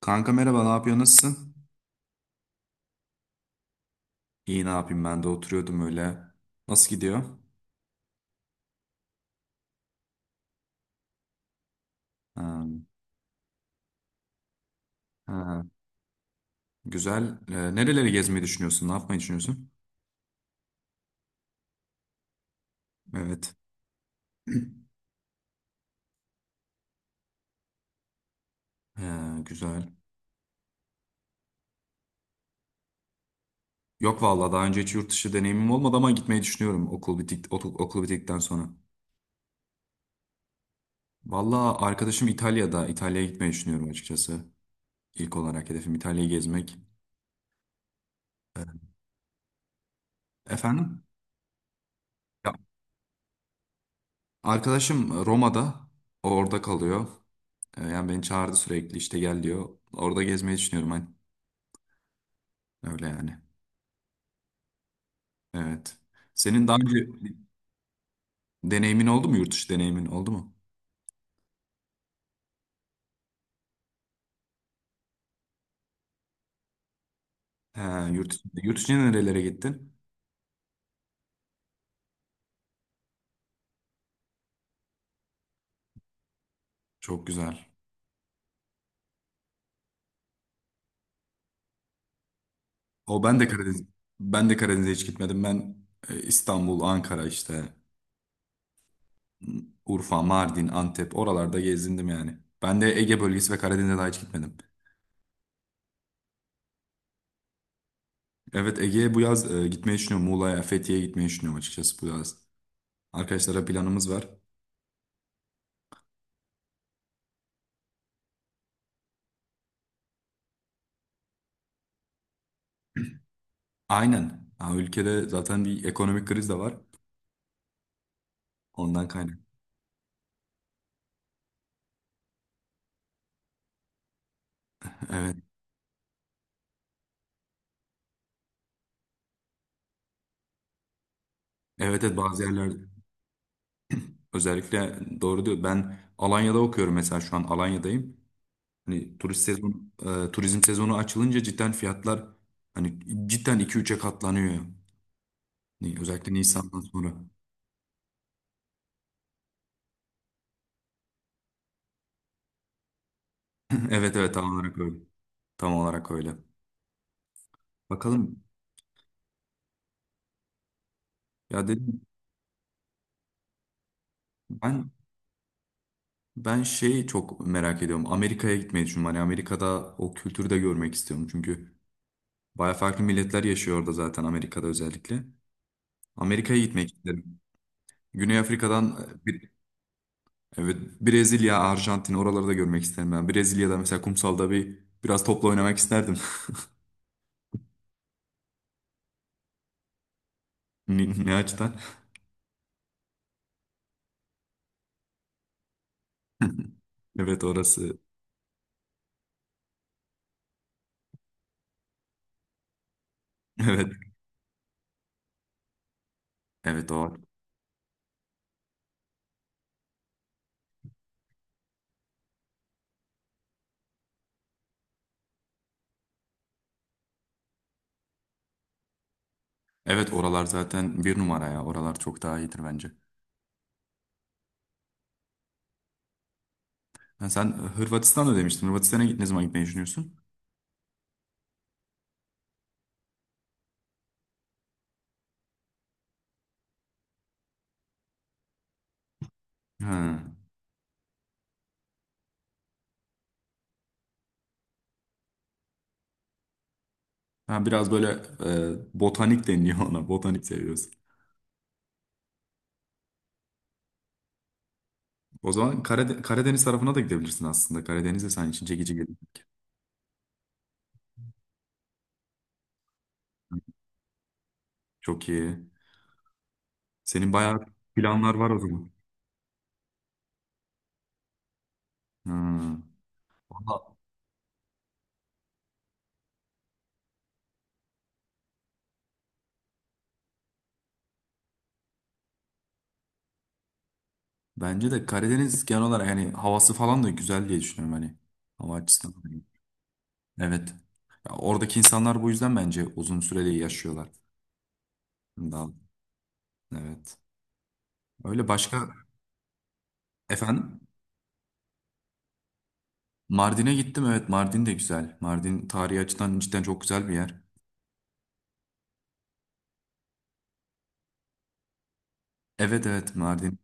Kanka merhaba, ne yapıyor, nasılsın? İyi, ne yapayım, ben de oturuyordum öyle. Nasıl gidiyor? Ha. Ha, güzel. Nereleri gezmeyi düşünüyorsun? Ne yapmayı düşünüyorsun? Evet. Güzel. Yok vallahi, daha önce hiç yurt dışı deneyimim olmadı ama gitmeyi düşünüyorum okul okul bittikten sonra. Vallahi arkadaşım İtalya'da. İtalya'ya gitmeyi düşünüyorum açıkçası. İlk olarak hedefim İtalya'yı gezmek. Efendim? Ya, arkadaşım Roma'da, orada kalıyor. Yani beni çağırdı, sürekli işte gel diyor. Orada gezmeyi düşünüyorum hani. Öyle yani. Evet. Senin daha önce deneyimin oldu mu? Yurt dışı deneyimin oldu mu? He, yurt içine nerelere gittin? Çok güzel. O ben de Karadeniz Ben de Karadeniz'e hiç gitmedim. Ben, İstanbul, Ankara, işte Urfa, Mardin, Antep, oralarda gezindim yani. Ben de Ege bölgesi ve Karadeniz'e daha hiç gitmedim. Evet, Ege'ye bu yaz gitmeyi düşünüyorum. Muğla'ya, Fethiye'ye gitmeyi düşünüyorum açıkçası bu yaz. Arkadaşlara planımız var. Aynen. Ha, ülkede zaten bir ekonomik kriz de var. Ondan kaynak. Evet. Evet, evet, bazı yerlerde özellikle doğru diyor. Ben Alanya'da okuyorum, mesela şu an Alanya'dayım. Hani turizm sezonu açılınca cidden fiyatlar, hani, cidden iki üçe katlanıyor. Hani özellikle Nisan'dan sonra. Evet, evet, tam olarak öyle. Tam olarak öyle. Bakalım. Ya dedim, ben ben şeyi çok merak ediyorum. Amerika'ya gitmeyi düşünüyorum. Hani Amerika'da o kültürü de görmek istiyorum. Çünkü baya farklı milletler yaşıyor orada, zaten Amerika'da özellikle. Amerika'ya gitmek isterim. Güney Afrika'dan, e, bir, evet, Brezilya, Arjantin, oraları da görmek isterim ben. Brezilya'da mesela kumsalda biraz topla oynamak isterdim. Ne açıdan? Evet, orası. Evet. Evet, o. Evet, oralar zaten bir numara ya. Oralar çok daha iyidir bence. Ha, sen Hırvatistan'da demiştin. Hırvatistan'a ne zaman gitmeyi düşünüyorsun? Ha. Ha, biraz böyle botanik deniliyor ona. Botanik seviyorsun. O zaman Karadeniz tarafına da gidebilirsin aslında. Karadeniz de senin için çekici gelir. Çok iyi. Senin bayağı planlar var o zaman. Hmm. Valla, bence de Karadeniz genel olarak, yani havası falan da güzel diye düşünüyorum, hani. Hava açısından da iyi. Evet. Ya, oradaki insanlar bu yüzden bence uzun süreli yaşıyorlar. Daha, evet. Öyle başka Efendim? Mardin'e gittim, evet, Mardin de güzel. Mardin tarihi açıdan cidden çok güzel bir yer. Evet, evet.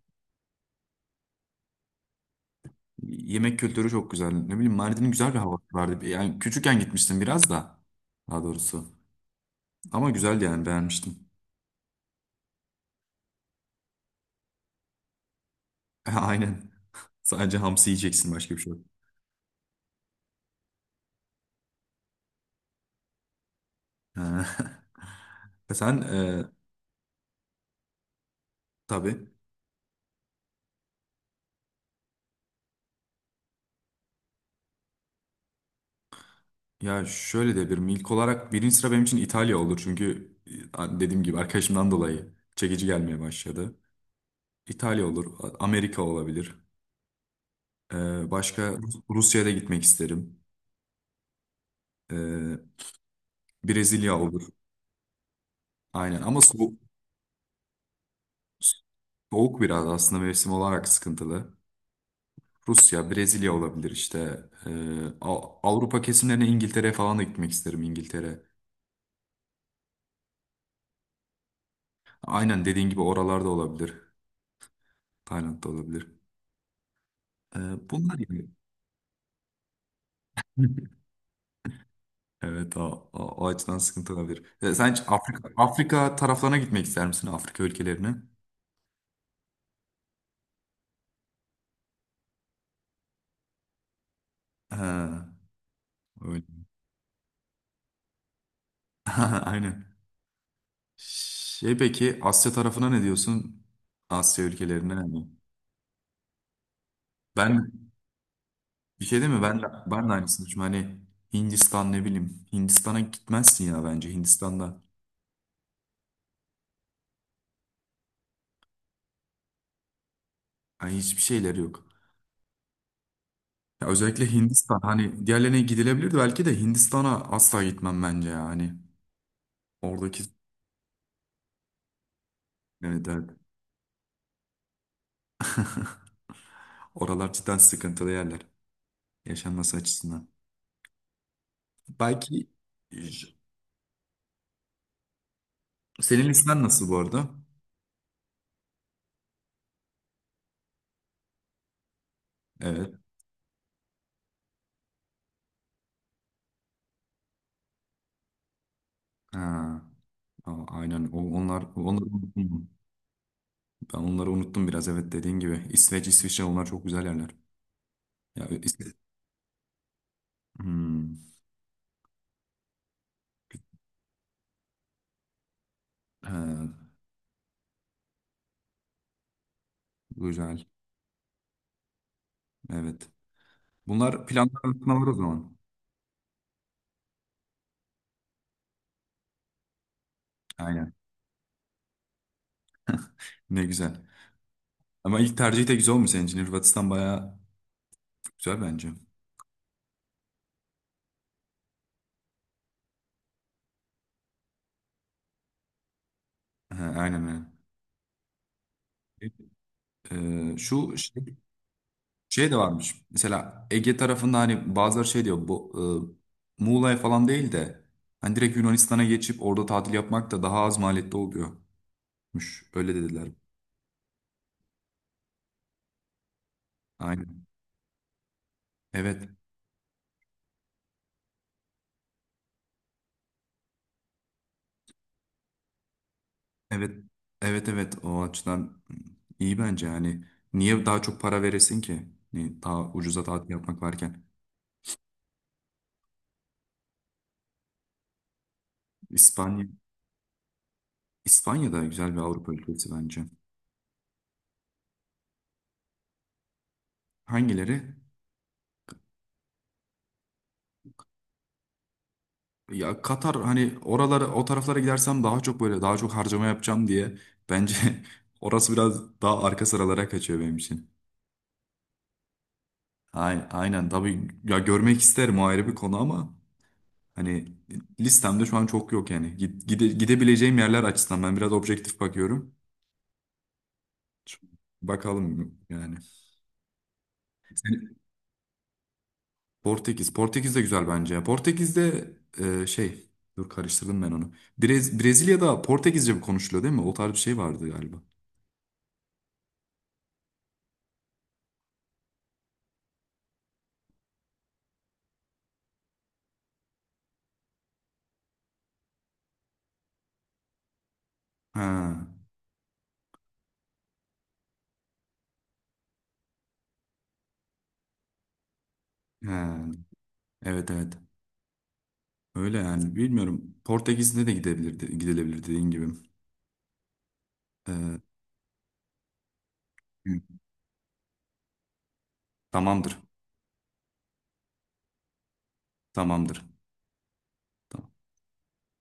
Yemek kültürü çok güzel. Ne bileyim, Mardin'in güzel bir havası vardı. Yani küçükken gitmiştim biraz da. Daha doğrusu. Ama güzeldi yani, beğenmiştim. Aynen. Sadece hamsi yiyeceksin, başka bir şey yok. Ha. Sen e, tabii. Ya şöyle de bir, ilk olarak birinci sıra benim için İtalya olur. Çünkü dediğim gibi arkadaşımdan dolayı çekici gelmeye başladı. İtalya olur. Amerika olabilir. Başka, Rusya'ya da gitmek isterim. E, Brezilya olur. Aynen, ama soğuk. Soğuk biraz aslında, mevsim olarak sıkıntılı. Rusya, Brezilya olabilir işte. Avrupa kesimlerine, İngiltere falan da gitmek isterim, İngiltere. Aynen, dediğin gibi oralarda olabilir. Tayland'da olabilir. Bunlar gibi. Evet, o açıdan sıkıntı olabilir. Sen hiç Afrika, taraflarına gitmek ister misin? Afrika ülkelerine? Ha, öyle. Aynen. Şey, peki Asya tarafına ne diyorsun? Asya ülkelerine ne? Ben Bir şey değil mi? Ben de aynısını düşünüyorum. Hani Hindistan, ne bileyim. Hindistan'a gitmezsin ya bence, Hindistan'da. Yani hiçbir şeyleri yok. Ya özellikle Hindistan, hani diğerlerine gidilebilirdi belki de, Hindistan'a asla gitmem bence ya. Hani oradaki Evet, evet. Oralar cidden sıkıntılı yerler yaşanması açısından. Belki Senin listen nasıl bu arada? Evet. Ha, aynen. Onları unuttum. Ben onları unuttum biraz. Evet, dediğin gibi. İsveç, İsviçre, onlar çok güzel yerler. Ya, İs- Hmm. Ha, güzel. Evet. Bunlar planlar arasında var o zaman. Aynen. Ne güzel. Ama ilk tercih de güzel olmuş senin için. Hırvatistan bayağı güzel bence. Ha, aynen, aynen. Ee, şu şey, Şey de varmış. Mesela Ege tarafında hani bazıları şey diyor, bu, Muğla'ya falan değil de hani direkt Yunanistan'a geçip orada tatil yapmak da daha az maliyetli oluyormuş. Öyle dediler. Aynen. Evet. Evet, evet, evet. O açıdan iyi bence. Yani niye daha çok para veresin ki? Yani daha ucuza tatil yapmak varken. İspanya. İspanya da güzel bir Avrupa ülkesi bence. Hangileri? Ya, Katar, hani oralara, o taraflara gidersem daha çok harcama yapacağım diye bence orası biraz daha arka sıralara kaçıyor benim için. Aynen, aynen, tabii ya, görmek isterim, o ayrı bir konu, ama hani listemde şu an çok yok yani. Gidebileceğim yerler açısından ben biraz objektif bakıyorum. Bakalım yani. Seni- Portekiz. Portekiz de güzel bence ya. Portekiz'de, şey, dur, karıştırdım ben onu. Brezilya'da Portekizce mi konuşuluyor, değil mi? O tarz bir şey vardı galiba. Ha. Ha. Evet, evet. Öyle yani, bilmiyorum. Portekiz'de de gidilebilir, dediğin gibi. E, hı. Tamamdır. Tamamdır.